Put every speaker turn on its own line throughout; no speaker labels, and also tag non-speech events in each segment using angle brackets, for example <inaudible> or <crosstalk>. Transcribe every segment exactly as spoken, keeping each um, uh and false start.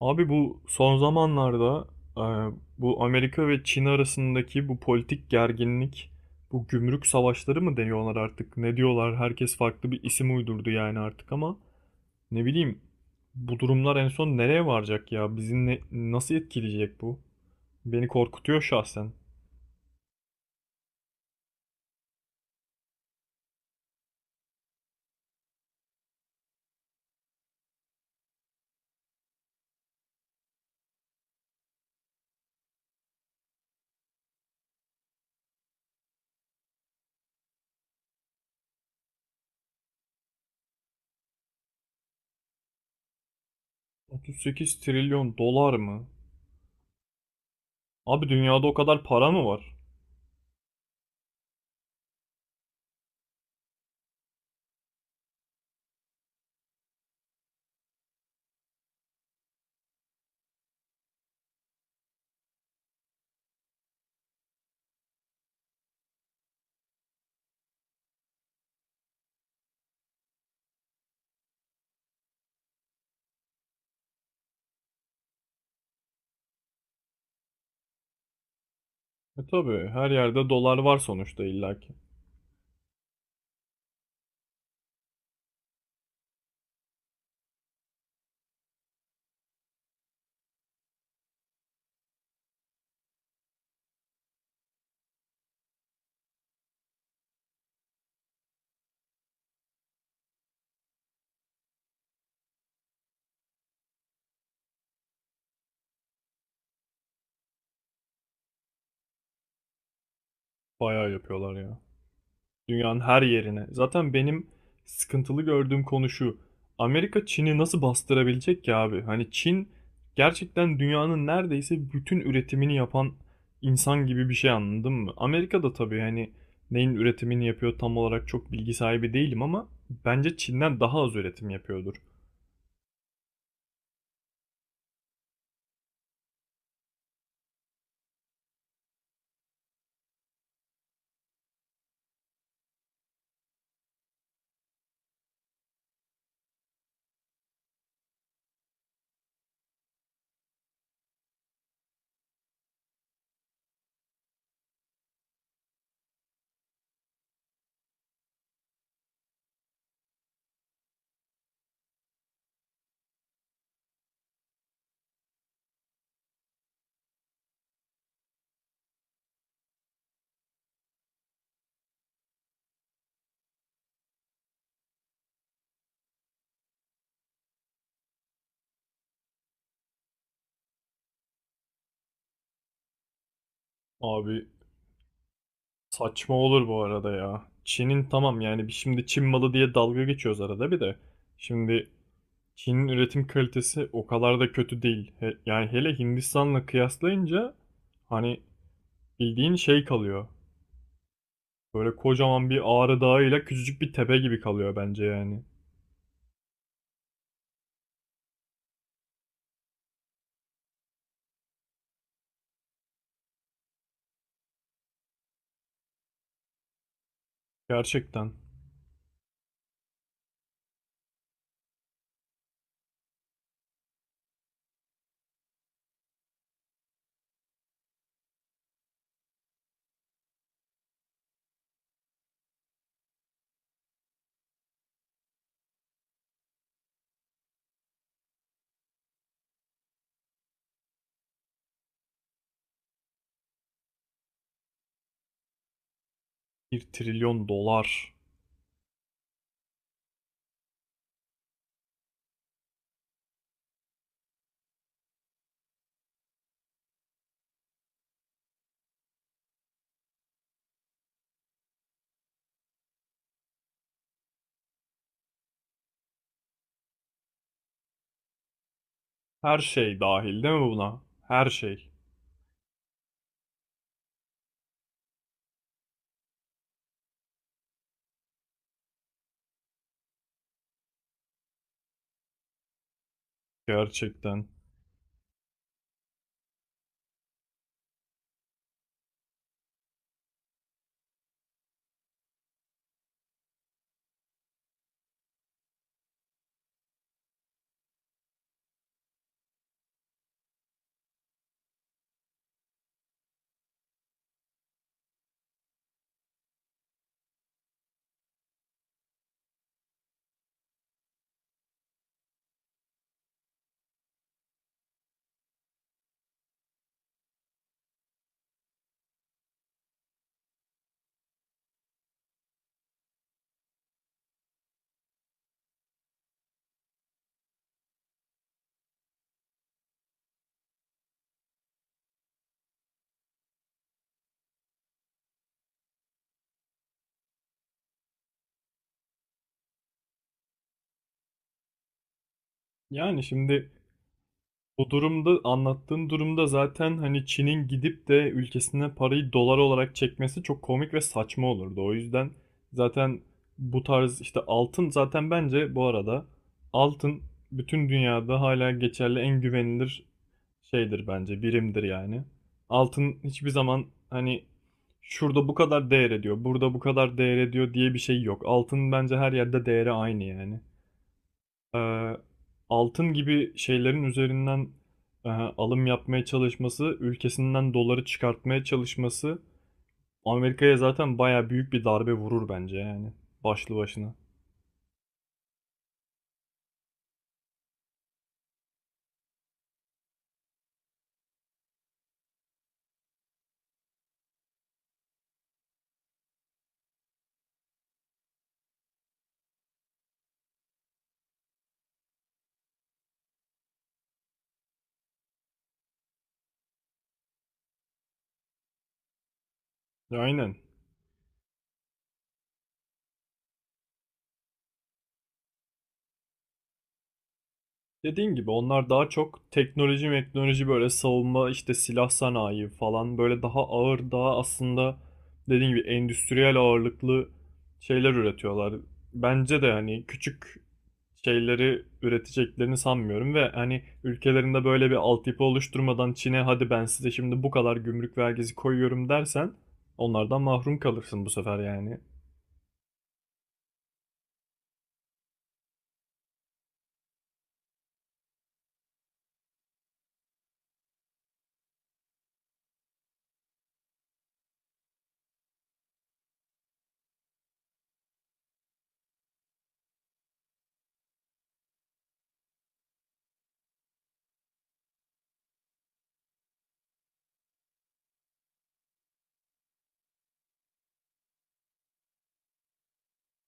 Abi bu son zamanlarda e, bu Amerika ve Çin arasındaki bu politik gerginlik, bu gümrük savaşları mı deniyorlar artık? Ne diyorlar? Herkes farklı bir isim uydurdu yani artık ama ne bileyim bu durumlar en son nereye varacak ya? Bizi ne- nasıl etkileyecek bu? Beni korkutuyor şahsen. otuz sekiz trilyon dolar mı? Abi dünyada o kadar para mı var? E tabii her yerde dolar var sonuçta illaki. Bayağı yapıyorlar ya. Dünyanın her yerine. Zaten benim sıkıntılı gördüğüm konu şu. Amerika Çin'i nasıl bastırabilecek ki abi? Hani Çin gerçekten dünyanın neredeyse bütün üretimini yapan insan gibi bir şey anladın mı? Amerika da tabii hani neyin üretimini yapıyor tam olarak çok bilgi sahibi değilim ama bence Çin'den daha az üretim yapıyordur. Abi saçma olur bu arada ya. Çin'in tamam yani şimdi Çin malı diye dalga geçiyoruz arada bir de. Şimdi Çin'in üretim kalitesi o kadar da kötü değil. He- yani hele Hindistan'la kıyaslayınca hani bildiğin şey kalıyor. Böyle kocaman bir Ağrı Dağı'yla küçücük bir tepe gibi kalıyor bence yani. Gerçekten bir trilyon dolar. Her şey dahil değil mi buna? Her şey. Gerçekten. Yani şimdi o durumda, anlattığın durumda zaten hani Çin'in gidip de ülkesine parayı dolar olarak çekmesi çok komik ve saçma olurdu. O yüzden zaten bu tarz işte altın, zaten bence bu arada altın bütün dünyada hala geçerli en güvenilir şeydir, bence birimdir yani. Altın hiçbir zaman hani şurada bu kadar değer ediyor, burada bu kadar değer ediyor diye bir şey yok. Altın bence her yerde değeri aynı yani e, altın gibi şeylerin üzerinden e, alım yapmaya çalışması, ülkesinden doları çıkartmaya çalışması Amerika'ya zaten baya büyük bir darbe vurur bence yani başlı başına. Aynen. Dediğin gibi onlar daha çok teknoloji teknoloji böyle, savunma işte silah sanayi falan, böyle daha ağır, daha aslında dediğin gibi endüstriyel ağırlıklı şeyler üretiyorlar. Bence de hani küçük şeyleri üreteceklerini sanmıyorum ve hani ülkelerinde böyle bir altyapı oluşturmadan Çin'e hadi ben size şimdi bu kadar gümrük vergisi koyuyorum dersen onlardan mahrum kalırsın bu sefer yani.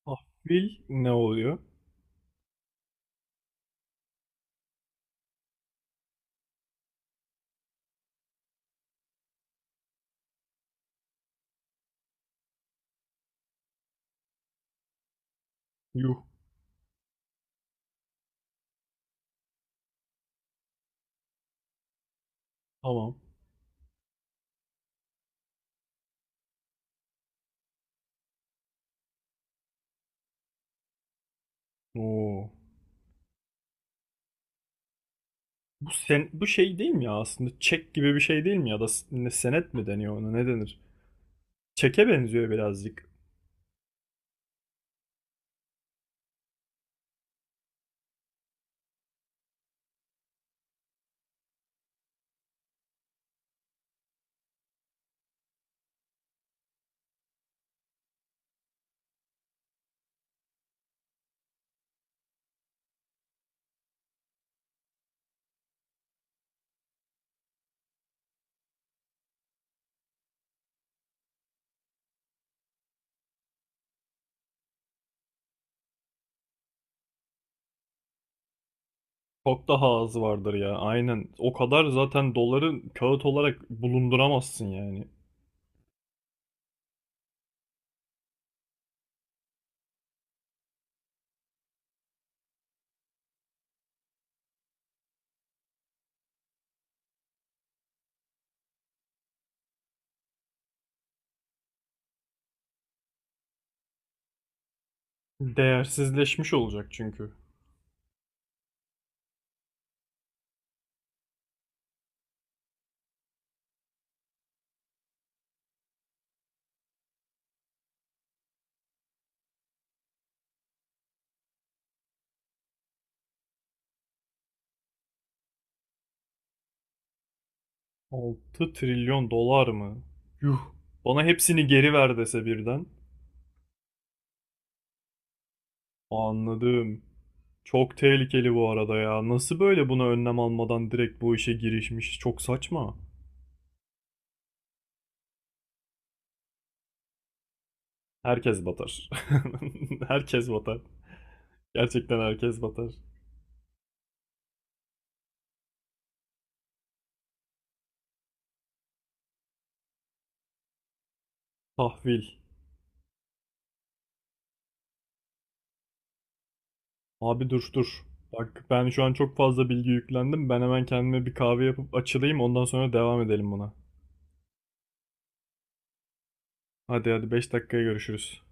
Tahvil ne oluyor? Yuh. Tamam. Oo. Bu, sen, bu şey değil mi ya aslında? Çek gibi bir şey değil mi ya da ne, senet mi deniyor ona, ne denir? Çeke benziyor birazcık. Çok daha azı vardır ya, aynen. O kadar zaten doları kağıt olarak bulunduramazsın yani. Değersizleşmiş olacak çünkü. Altı trilyon dolar mı? Yuh. Bana hepsini geri ver dese birden. Anladım. Çok tehlikeli bu arada ya. Nasıl böyle buna önlem almadan direkt bu işe girişmiş? Çok saçma. Herkes batar. <laughs> Herkes batar. Gerçekten herkes batar. Tahvil. Abi dur dur. Bak ben şu an çok fazla bilgi yüklendim. Ben hemen kendime bir kahve yapıp açılayım. Ondan sonra devam edelim buna. Hadi hadi, beş dakikaya görüşürüz.